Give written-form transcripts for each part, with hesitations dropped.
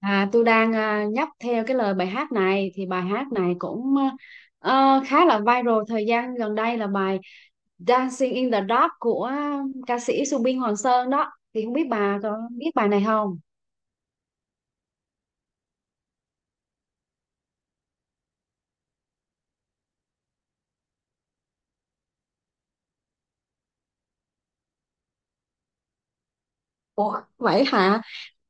Tôi đang nhấp theo cái lời bài hát này thì bài hát này cũng khá là viral thời gian gần đây là bài Dancing in the Dark của ca sĩ Subin Hoàng Sơn đó thì không biết bà có biết bài này không? Ủa vậy hả?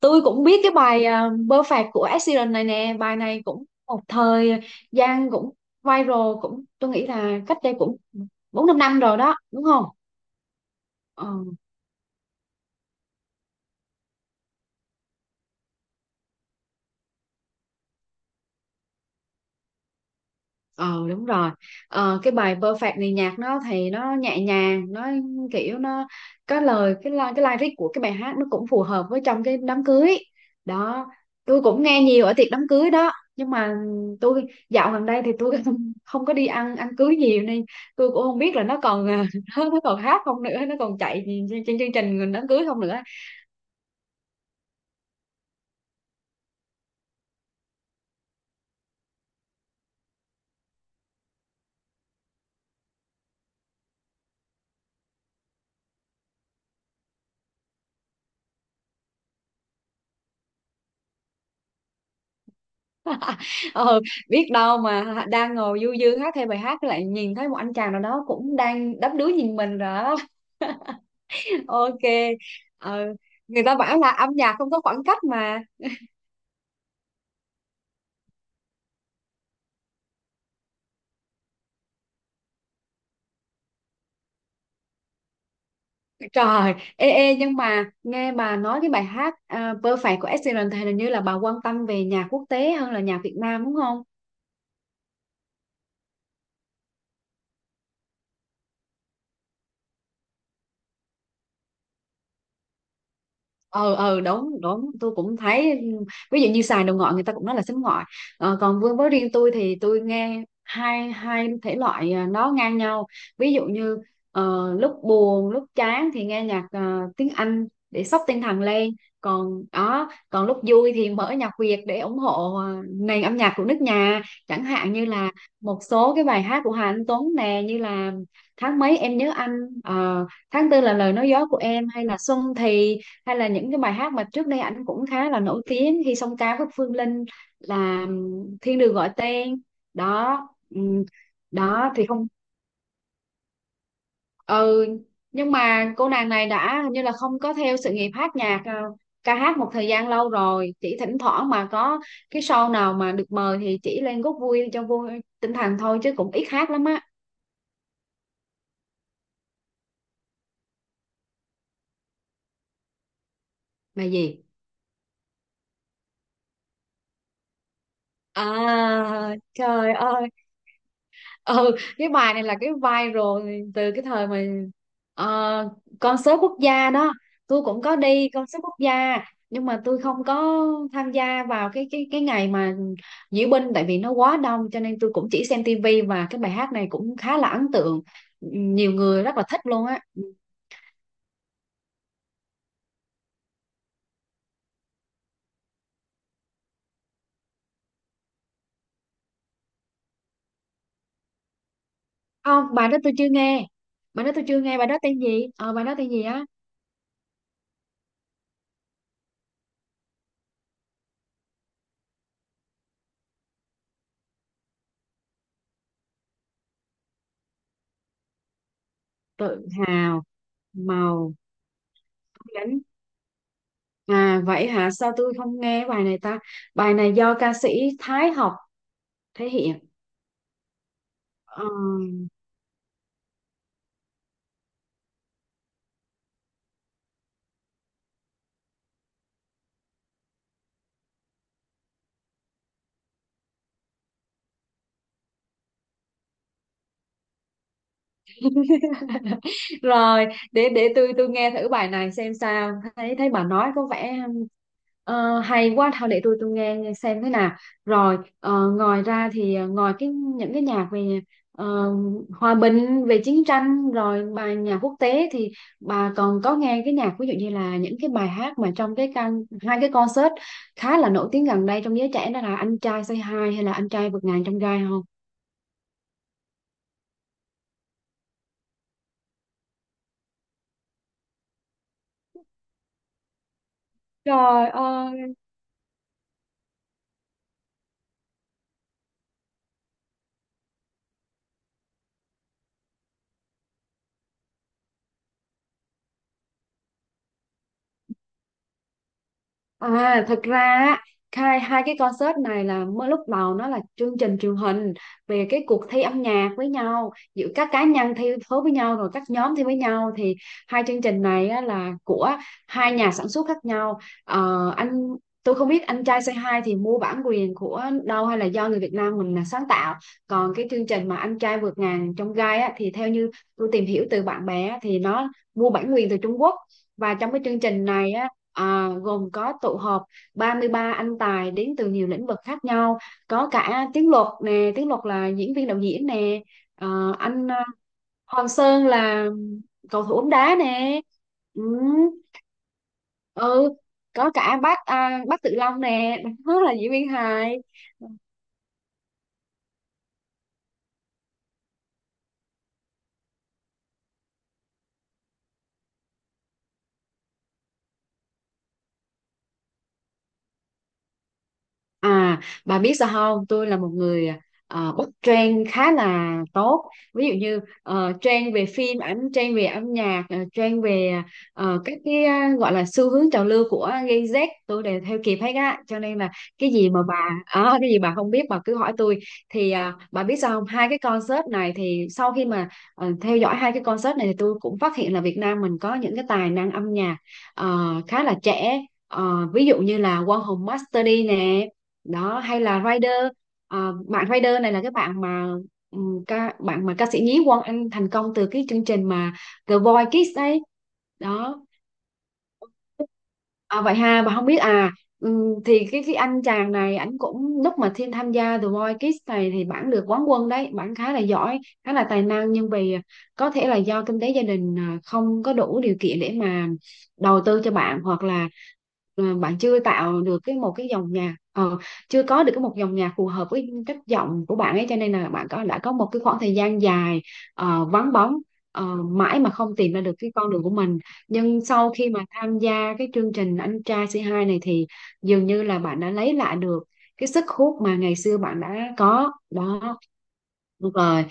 Tôi cũng biết cái bài Perfect của Ed Sheeran này nè, bài này cũng một thời gian cũng viral, cũng tôi nghĩ là cách đây cũng bốn năm năm rồi đó đúng không? Ờ. Ờ đúng rồi. Cái bài Perfect này nhạc nó thì nó nhẹ nhàng, nó kiểu nó có lời, cái lyric của cái bài hát nó cũng phù hợp với trong cái đám cưới đó. Tôi cũng nghe nhiều ở tiệc đám cưới đó, nhưng mà tôi dạo gần đây thì tôi không, không có đi ăn ăn cưới nhiều nên tôi cũng không biết là nó còn nó còn hát không nữa, nó còn chạy trên chương trình đám cưới không nữa. Ờ, biết đâu mà đang ngồi du dương hát theo bài hát lại nhìn thấy một anh chàng nào đó cũng đang đắm đuối nhìn mình rồi. OK. Ờ, người ta bảo là âm nhạc không có khoảng cách mà. Trời, ê ê, nhưng mà nghe bà nói cái bài hát Perfect của Ed Sheeran thì hình như là bà quan tâm về nhạc quốc tế hơn là nhạc Việt Nam đúng không? Ờ ờ, đúng đúng, tôi cũng thấy, ví dụ như xài đồ ngọi người ta cũng nói là sánh ngọi. Còn với riêng tôi thì tôi nghe hai hai thể loại nó ngang nhau. Ví dụ như lúc buồn lúc chán thì nghe nhạc tiếng Anh để xốc tinh thần lên, còn đó còn lúc vui thì mở nhạc Việt để ủng hộ nền âm nhạc của nước nhà. Chẳng hạn như là một số cái bài hát của Hà Anh Tuấn nè, như là Tháng Mấy Em Nhớ Anh, Tháng Tư Là Lời Nói Gió Của Em, hay là Xuân Thì, hay là những cái bài hát mà trước đây ảnh cũng khá là nổi tiếng Hy Song Ca với Phương Linh là Thiên Đường Gọi Tên đó. Ừm, đó thì không. Ừ, nhưng mà cô nàng này đã hình như là không có theo sự nghiệp hát nhạc, ca hát một thời gian lâu rồi, chỉ thỉnh thoảng mà có cái show nào mà được mời thì chỉ lên góp vui cho vui tinh thần thôi chứ cũng ít hát lắm á. Bài gì? À trời ơi, ừ, cái bài này là cái viral từ cái thời mà ờ, concert quốc gia đó. Tôi cũng có đi concert quốc gia nhưng mà tôi không có tham gia vào cái ngày mà diễu binh, tại vì nó quá đông cho nên tôi cũng chỉ xem tivi. Và cái bài hát này cũng khá là ấn tượng, nhiều người rất là thích luôn á. Không, bài đó tôi chưa nghe, bài đó tôi chưa nghe, bài đó tên gì, ờ bài đó tên gì á? Tự hào màu cánh. À vậy hả? Sao tôi không nghe bài này ta? Bài này do ca sĩ Thái Học thể hiện. Ờ, rồi, để để tôi nghe thử bài này xem sao, thấy thấy bà nói có vẻ hay quá. Thôi để tôi nghe nghe xem thế nào. Rồi ngoài ra thì ngoài cái những cái nhạc về ờ, hòa bình về chiến tranh rồi bài nhạc quốc tế thì bà còn có nghe cái nhạc ví dụ như là những cái bài hát mà trong cái can hai cái concert khá là nổi tiếng gần đây trong giới trẻ đó là Anh Trai Say Hi hay là Anh Trai Vượt Ngàn Chông Gai không? Trời ơi. À, thật ra á, hai hai cái concert này là mới, lúc đầu nó là chương trình truyền hình về cái cuộc thi âm nhạc với nhau, giữa các cá nhân thi đấu với nhau rồi các nhóm thi với nhau. Thì hai chương trình này á, là của hai nhà sản xuất khác nhau. Ờ, anh Tôi không biết Anh Trai Say Hi thì mua bản quyền của đâu hay là do người Việt Nam mình là sáng tạo, còn cái chương trình mà Anh Trai Vượt Ngàn Trong Gai á, thì theo như tôi tìm hiểu từ bạn bè á, thì nó mua bản quyền từ Trung Quốc. Và trong cái chương trình này á gồm có tụ họp 33 anh tài đến từ nhiều lĩnh vực khác nhau, có cả Tiếng Luật nè, Tiếng Luật là diễn viên đạo diễn nè, Ờ, anh à, Hoàng Sơn là cầu thủ bóng đá nè. Ừ. Ừ, có cả bác bác Tự Long nè, đó là diễn viên hài. À, bà biết sao không? Tôi là một người bắt trend khá là tốt. Ví dụ như trend về phim ảnh, trend về âm nhạc, trend về gọi là xu hướng trào lưu của Gen Z tôi đều theo kịp hết á. Cho nên là cái gì mà bà cái gì bà không biết bà cứ hỏi tôi. Thì bà biết sao không? Hai cái concert này thì sau khi mà theo dõi hai cái concert này thì tôi cũng phát hiện là Việt Nam mình có những cái tài năng âm nhạc ờ, khá là trẻ. Ờ, ví dụ như là Quang Hùng Master D nè, đó hay là Rider. Bạn Rider này là cái bạn mà ca sĩ nhí Quang Anh thành công từ cái chương trình mà The Voice Kids đấy đó. À, vậy ha, bà không biết à? Ừm, thì cái anh chàng này ảnh cũng, lúc mà Thiên tham gia The Voice Kids này thì bản được quán quân đấy, bản khá là giỏi khá là tài năng. Nhưng vì có thể là do kinh tế gia đình không có đủ điều kiện để mà đầu tư cho bạn, hoặc là bạn chưa tạo được một cái dòng nhạc, chưa có được một dòng nhạc phù hợp với chất giọng của bạn ấy, cho nên là bạn có đã có một cái khoảng thời gian dài vắng bóng, mãi mà không tìm ra được cái con đường của mình. Nhưng sau khi mà tham gia cái chương trình Anh Trai C Hai này thì dường như là bạn đã lấy lại được cái sức hút mà ngày xưa bạn đã có đó. Đúng rồi,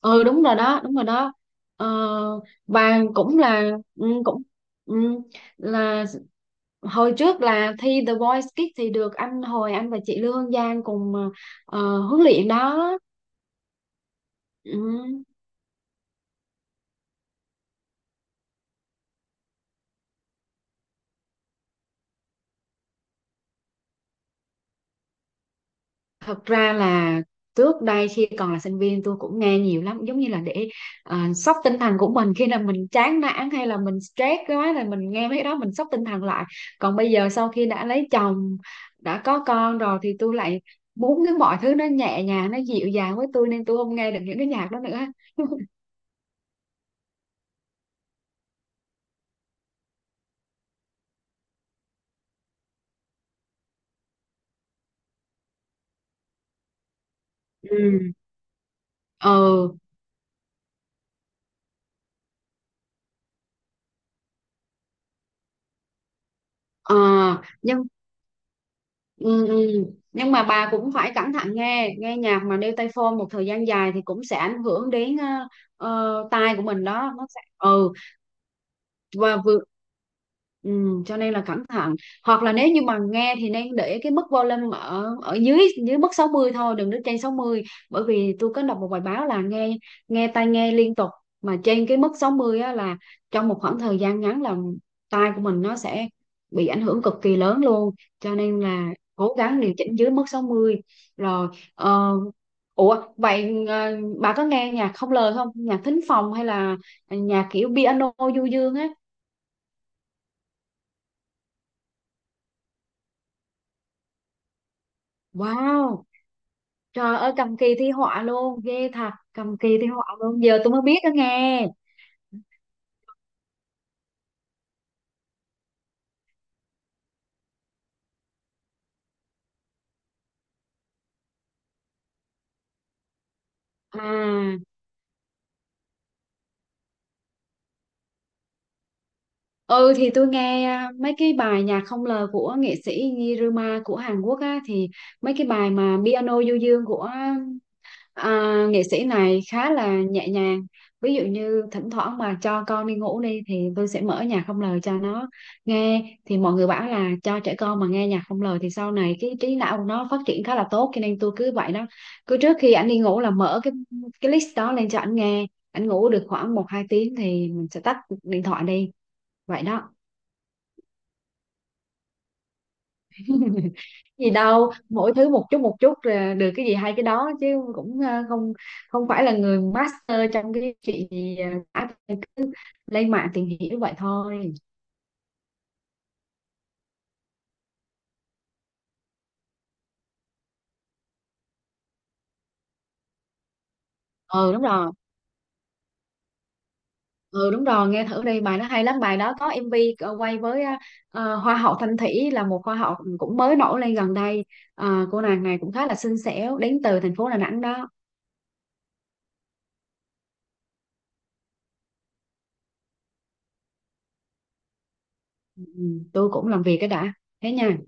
ừ đúng rồi đó, đúng rồi đó. ờ, và cũng là ừ, cũng ừ, là hồi trước là thi The Voice Kids thì được anh và chị Lương Giang cùng huấn luyện đó. Ừ. Thật ra là trước đây khi còn là sinh viên tôi cũng nghe nhiều lắm, giống như là để sốc tinh thần của mình khi là mình chán nản, hay là mình stress quá là mình nghe mấy cái đó mình sốc tinh thần lại. Còn bây giờ sau khi đã lấy chồng đã có con rồi thì tôi lại muốn cái mọi thứ nó nhẹ nhàng nó dịu dàng với tôi, nên tôi không nghe được những cái nhạc đó nữa. Ừ. Ừ. ờ, nhưng Ừ, ừ. Nhưng mà bà cũng phải cẩn thận, nghe nghe nhạc mà đeo tai phone một thời gian dài thì cũng sẽ ảnh hưởng đến tai của mình đó, nó sẽ ừ và vừa ừ, cho nên là cẩn thận. Hoặc là nếu như mà nghe thì nên để cái mức volume ở ở dưới dưới mức 60 thôi, đừng để trên sáu mươi, bởi vì tôi có đọc một bài báo là nghe nghe tai nghe liên tục mà trên cái mức 60 á, là trong một khoảng thời gian ngắn là tai của mình nó sẽ bị ảnh hưởng cực kỳ lớn luôn, cho nên là cố gắng điều chỉnh dưới mức sáu mươi. Rồi, ờ, ủa vậy bà có nghe nhạc không lời không, nhạc thính phòng hay là nhạc kiểu piano du dương á? Wow, trời ơi cầm kỳ thi họa luôn, ghê thật, cầm kỳ thi họa luôn, giờ tôi mới biết đó nghe. À, ừ thì tôi nghe mấy cái bài nhạc không lời của nghệ sĩ Niruma của Hàn Quốc á, thì mấy cái bài mà piano du dương của à, nghệ sĩ này khá là nhẹ nhàng. Ví dụ như thỉnh thoảng mà cho con đi ngủ đi thì tôi sẽ mở nhạc không lời cho nó nghe. Thì mọi người bảo là cho trẻ con mà nghe nhạc không lời thì sau này cái trí não của nó phát triển khá là tốt, cho nên tôi cứ vậy đó, cứ trước khi ảnh đi ngủ là mở cái list đó lên cho ảnh nghe. Ảnh ngủ được khoảng một hai tiếng thì mình sẽ tắt điện thoại đi, vậy đó. Gì đâu, mỗi thứ một chút là được, cái gì hay cái đó chứ, cũng không không phải là người master trong cái chuyện gì cả. Cứ lên mạng tìm hiểu vậy thôi. Ừ đúng rồi, ừ đúng rồi, nghe thử đi, bài nó hay lắm, bài đó có MV quay với hoa hậu Thanh Thủy, là một hoa hậu cũng mới nổi lên gần đây. Ờ, cô nàng này cũng khá là xinh xẻo, đến từ thành phố Đà Nẵng đó. Ừ, tôi cũng làm việc cái đã, thế nha.